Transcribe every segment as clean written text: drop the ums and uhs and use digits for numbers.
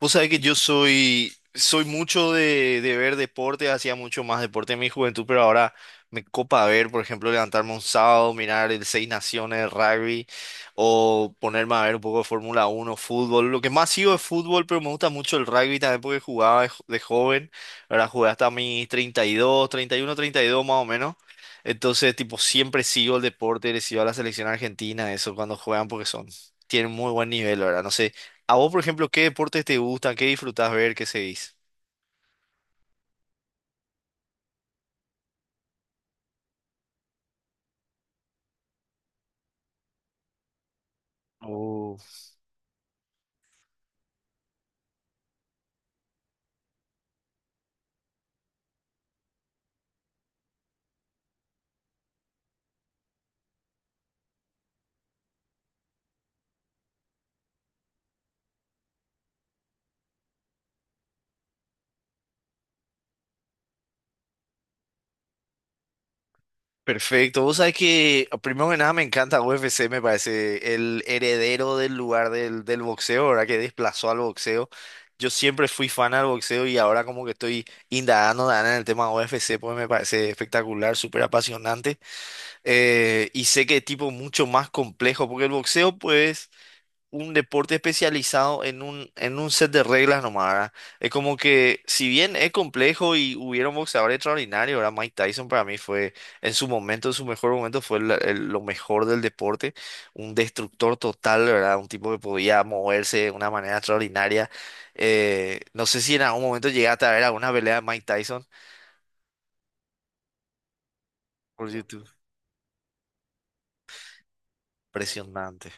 Vos sabés que yo soy mucho de ver deporte, hacía mucho más deporte en mi juventud, pero ahora me copa ver, por ejemplo, levantarme un sábado, mirar el Seis Naciones, el rugby, o ponerme a ver un poco de Fórmula uno fútbol. Lo que más sigo es fútbol, pero me gusta mucho el rugby también porque jugaba de joven, ahora jugué hasta mis 32 31, 32 más o menos. Entonces, tipo, siempre sigo el deporte, le sigo a la selección argentina, eso cuando juegan porque son, tienen muy buen nivel, ¿verdad? No sé. A vos, por ejemplo, ¿qué deportes te gustan? ¿Qué disfrutás ver? ¿Qué seguís? Oh. Perfecto. Vos sabés que, primero que nada, me encanta UFC, me parece el heredero del lugar del boxeo, ¿verdad? Que desplazó al boxeo. Yo siempre fui fan al boxeo y ahora como que estoy indagando en el tema UFC, pues me parece espectacular, súper apasionante. Y sé que es tipo mucho más complejo, porque el boxeo, pues un deporte especializado en un set de reglas nomás, ¿verdad? Es como que, si bien es complejo y hubieron boxeadores extraordinarios, ¿verdad? Mike Tyson para mí fue, en su momento, en su mejor momento, fue lo mejor del deporte, un destructor total, ¿verdad? Un tipo que podía moverse de una manera extraordinaria. No sé si en algún momento llegaste a ver alguna pelea de Mike Tyson por YouTube. Impresionante.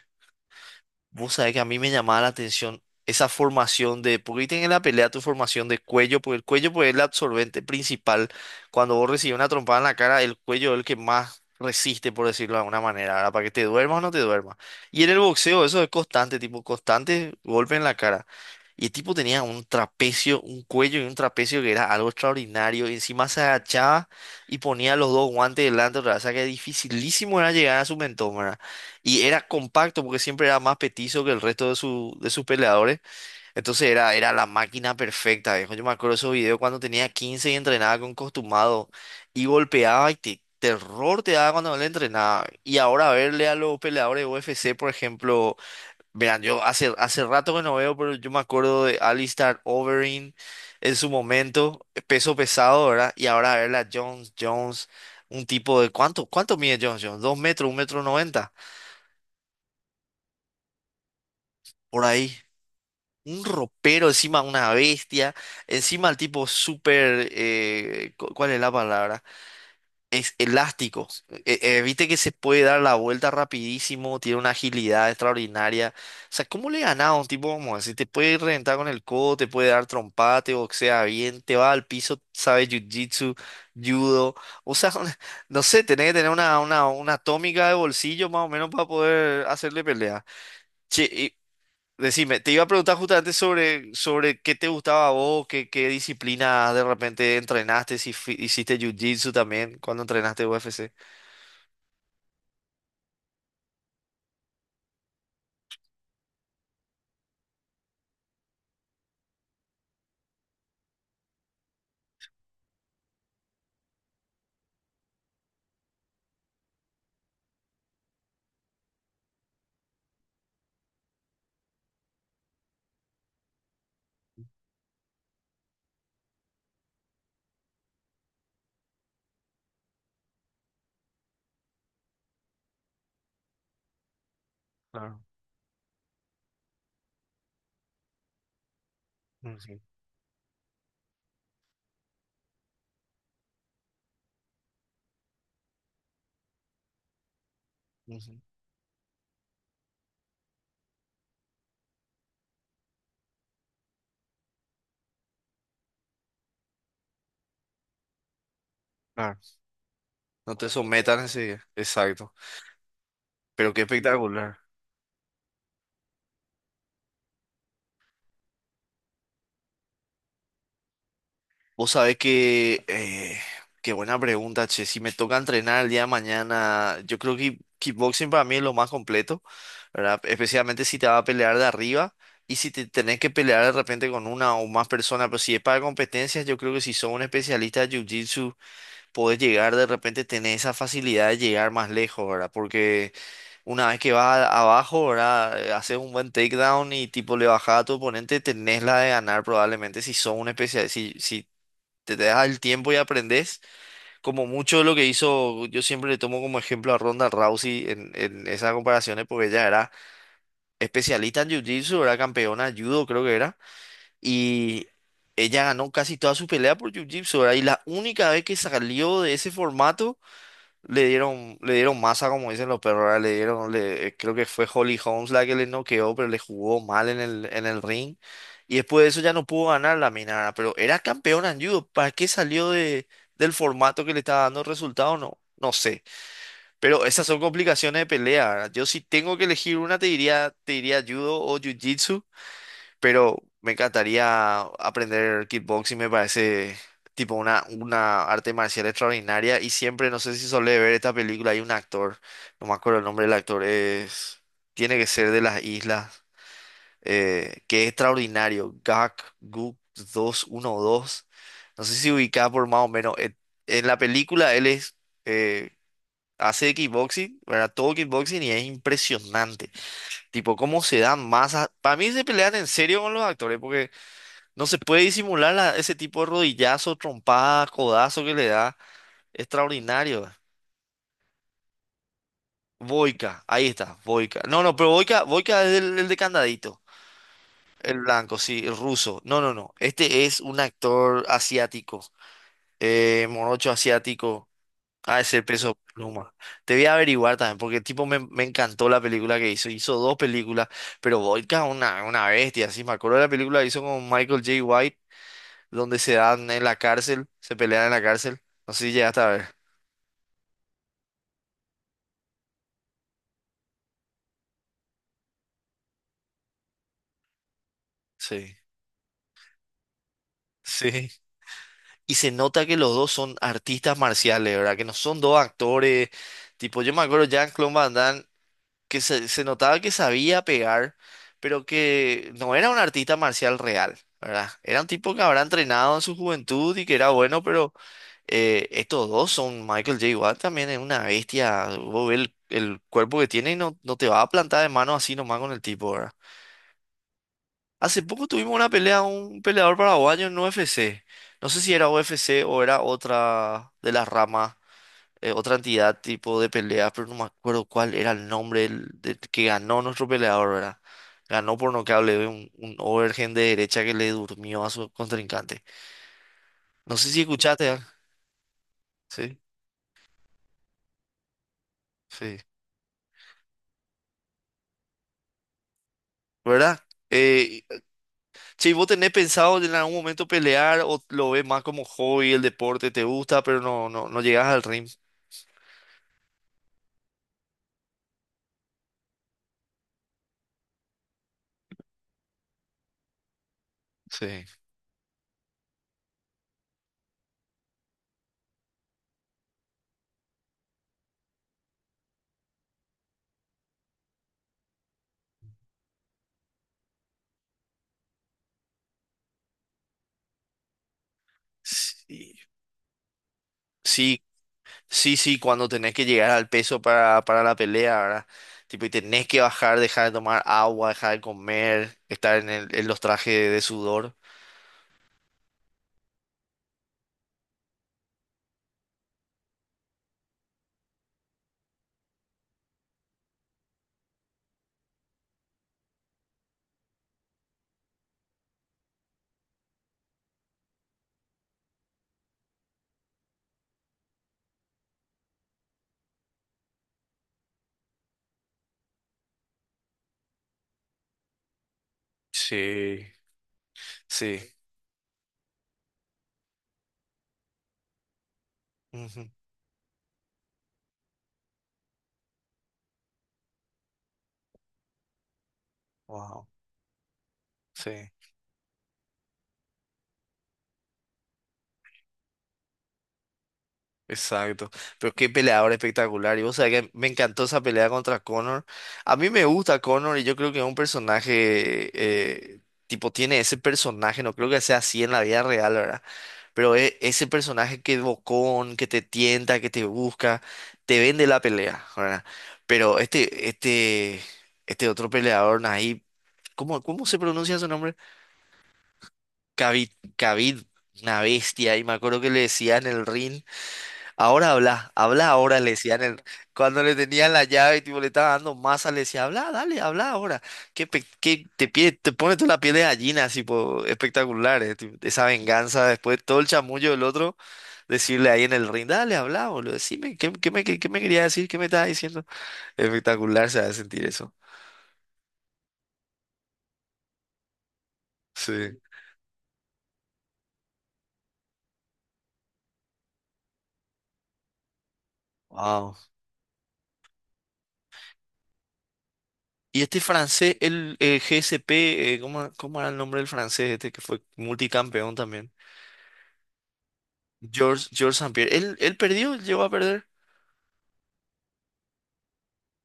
Vos sabés que a mí me llamaba la atención esa formación de, porque ahí tenés en la pelea tu formación de cuello, porque el cuello pues, es el absorbente principal. Cuando vos recibís una trompada en la cara, el cuello es el que más resiste, por decirlo de alguna manera, ¿verdad? Para que te duermas o no te duermas. Y en el boxeo eso es constante, tipo constante golpe en la cara. Y el tipo tenía un trapecio, un cuello y un trapecio que era algo extraordinario. Y encima se agachaba y ponía los dos guantes delante otra vez. O sea que dificilísimo era llegar a su mentón, ¿verdad? Y era compacto porque siempre era más petizo que el resto de, su, de sus peleadores. Entonces era la máquina perfecta, viejo. Yo me acuerdo de esos videos cuando tenía 15 y entrenaba con costumado y golpeaba y terror te daba cuando no le entrenaba. Y ahora verle a los peleadores de UFC, por ejemplo, verán, yo hace rato que no veo, pero yo me acuerdo de Alistair Overeem en su momento, peso pesado, ¿verdad? Y ahora verle a Jones Jones, un tipo de, ¿cuánto mide Jones Jones? ¿Dos metros, un metro noventa? Por ahí. Un ropero, encima una bestia, encima el tipo súper, ¿cuál es la palabra? Es elástico. Viste que se puede dar la vuelta rapidísimo, tiene una agilidad extraordinaria. O sea, ¿cómo le ganás a un tipo como ese? Te puede reventar con el codo, te puede dar trompate, te boxea bien, te va al piso, sabe jiu-jitsu, judo. O sea, no sé, tenés que tener una atómica de bolsillo más o menos para poder hacerle pelea. Che, decime, te iba a preguntar justamente sobre qué te gustaba a vos, qué disciplina de repente entrenaste, si hiciste jiu-jitsu también cuando entrenaste UFC. Claro. Ujú, ujú. Claro. No te sometan así. Exacto. Pero qué espectacular. Vos sabés que, qué buena pregunta, che. Si me toca entrenar el día de mañana, yo creo que kickboxing para mí es lo más completo, ¿verdad? Especialmente si te vas a pelear de arriba y si te tenés que pelear de repente con una o más personas, pero si es para competencias, yo creo que si sos un especialista de jiu-jitsu, podés llegar de repente, tener esa facilidad de llegar más lejos, ¿verdad? Porque una vez que vas abajo, ¿verdad? Haces un buen takedown y tipo le bajas a tu oponente, tenés la de ganar probablemente si sos un especialista, te das el tiempo y aprendes, como mucho de lo que hizo, yo siempre le tomo como ejemplo a Ronda Rousey en, esas comparaciones, porque ella era especialista en Jiu-Jitsu, era campeona de judo, creo que era, y ella ganó casi toda su pelea por Jiu-Jitsu, ¿verdad? Y la única vez que salió de ese formato le dieron masa, como dicen los perros, ¿verdad? Le dieron, le, creo que fue Holly Holmes la que le noqueó, pero le jugó mal en el ring. Y después de eso ya no pudo ganar la mina, ¿verdad? Pero era campeona en judo. ¿Para qué salió del formato que le estaba dando resultado? No, no sé. Pero esas son complicaciones de pelea, ¿verdad? Yo si tengo que elegir una, te diría judo o jiu-jitsu, pero me encantaría aprender kickboxing, me parece tipo una arte marcial extraordinaria y siempre, no sé si solé ver esta película, hay un actor, no me acuerdo el nombre del actor, es, tiene que ser de las islas, que es extraordinario, Gak Guk 212, no sé si ubicaba por más o menos, en la película él es. eh, Hace kickboxing, ¿verdad? Todo kickboxing y es impresionante. Tipo, cómo se dan masas. Para mí se pelean en serio con los actores, porque no se puede disimular ese tipo de rodillazo, trompada, codazo que le da. Extraordinario. Boica, ahí está, Boica. No, no, pero Boica, Boica es el de candadito. El blanco, sí, el ruso. No, no, no. Este es un actor asiático. Morocho asiático. Ah, ese peso pluma. Te voy a averiguar también, porque el tipo me encantó la película que hizo. Hizo dos películas, pero Boica es una bestia. Sí, me acuerdo de la película que hizo con Michael J. White donde se dan en la cárcel, se pelean en la cárcel. No sé si llegaste a ver. Sí, sí. Y se nota que los dos son artistas marciales, ¿verdad? Que no son dos actores. Tipo, yo me acuerdo Jean-Claude Van Damme, que se notaba que sabía pegar, pero que no era un artista marcial real, ¿verdad? Era un tipo que habrá entrenado en su juventud y que era bueno, pero estos dos son Michael J. Watt también es una bestia. Vos ves el cuerpo que tiene y no, no te va a plantar de mano así nomás con el tipo, ¿verdad? Hace poco tuvimos una pelea, un peleador paraguayo en UFC. No sé si era UFC o era otra de las ramas, otra entidad tipo de pelea, pero no me acuerdo cuál era el nombre del que ganó nuestro peleador, ¿verdad? Ganó por nocaut, le dio un overhand de derecha que le durmió a su contrincante. No sé si escuchaste, ah. Sí, sí, ¿verdad? Eh, Che, ¿vos tenés pensado en algún momento pelear o lo ves más como hobby, el deporte te gusta, pero no, no, no llegas al ring? Sí. Sí. Sí, sí, sí, cuando tenés que llegar al peso para, la pelea, ¿verdad? Tipo, y tenés que bajar, dejar de tomar agua, dejar de comer, estar en los trajes de sudor. Sí, sí. Ujú. Wow. Sí, exacto. Pero qué peleador espectacular. Y vos sabés que me encantó esa pelea contra Conor. A mí me gusta Conor y yo creo que es un personaje, eh, tipo, tiene ese personaje, no creo que sea así en la vida real, ¿verdad? Pero ese personaje que es bocón, que te tienta, que te busca, te vende la pelea, ¿verdad? Pero este otro peleador, Nahib, ¿cómo se pronuncia su nombre? Khabib, Khabib, una bestia. Y me acuerdo que le decía en el ring, ahora habla, habla ahora, le decían el, cuando le tenían la llave y tipo, le estaba dando masa, le decía, habla, dale, habla ahora. Que te pone toda la piel de gallina, así, po, espectacular, tipo, esa venganza después, todo el chamullo del otro decirle ahí en el ring, dale, habla, boludo, decime, ¿qué me quería decir? ¿Qué me estaba diciendo? Espectacular se va a sentir eso. Sí. Wow. Y este francés, GSP, ¿cómo era el nombre del francés este que fue multicampeón también? George St. Pierre. ¿Él perdió? ¿Él llegó a perder?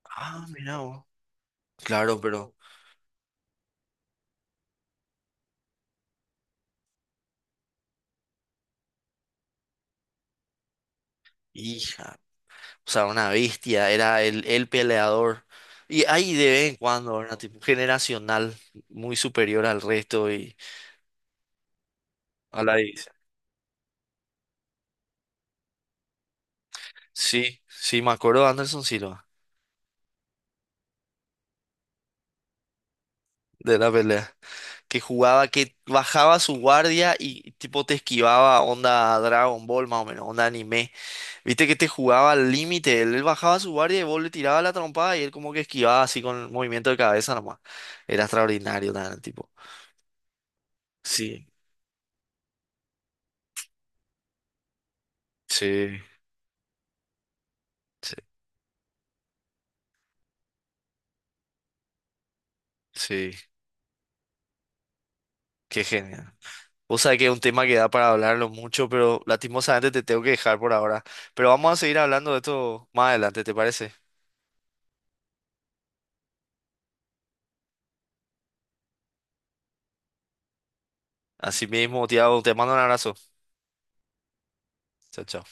Ah, mira vos. Claro, pero, hija, o sea, una bestia, era el peleador. Y hay de vez en cuando, ¿verdad? Tipo, generacional, muy superior al resto y a la. Sí, sí, me acuerdo de Anderson Silva, de la pelea. Que jugaba, que bajaba su guardia y tipo te esquivaba onda Dragon Ball más o menos, onda anime. Viste que te jugaba al límite, él bajaba su guardia y vos le tirabas la trompada y él como que esquivaba así con el movimiento de cabeza nomás. Era extraordinario también, tipo. Sí, sí, sí, sí, qué genial. Vos sabés que es un tema que da para hablarlo mucho, pero lastimosamente te tengo que dejar por ahora. Pero vamos a seguir hablando de esto más adelante, ¿te parece? Así mismo, Tiago, te mando un abrazo. Chao, chao.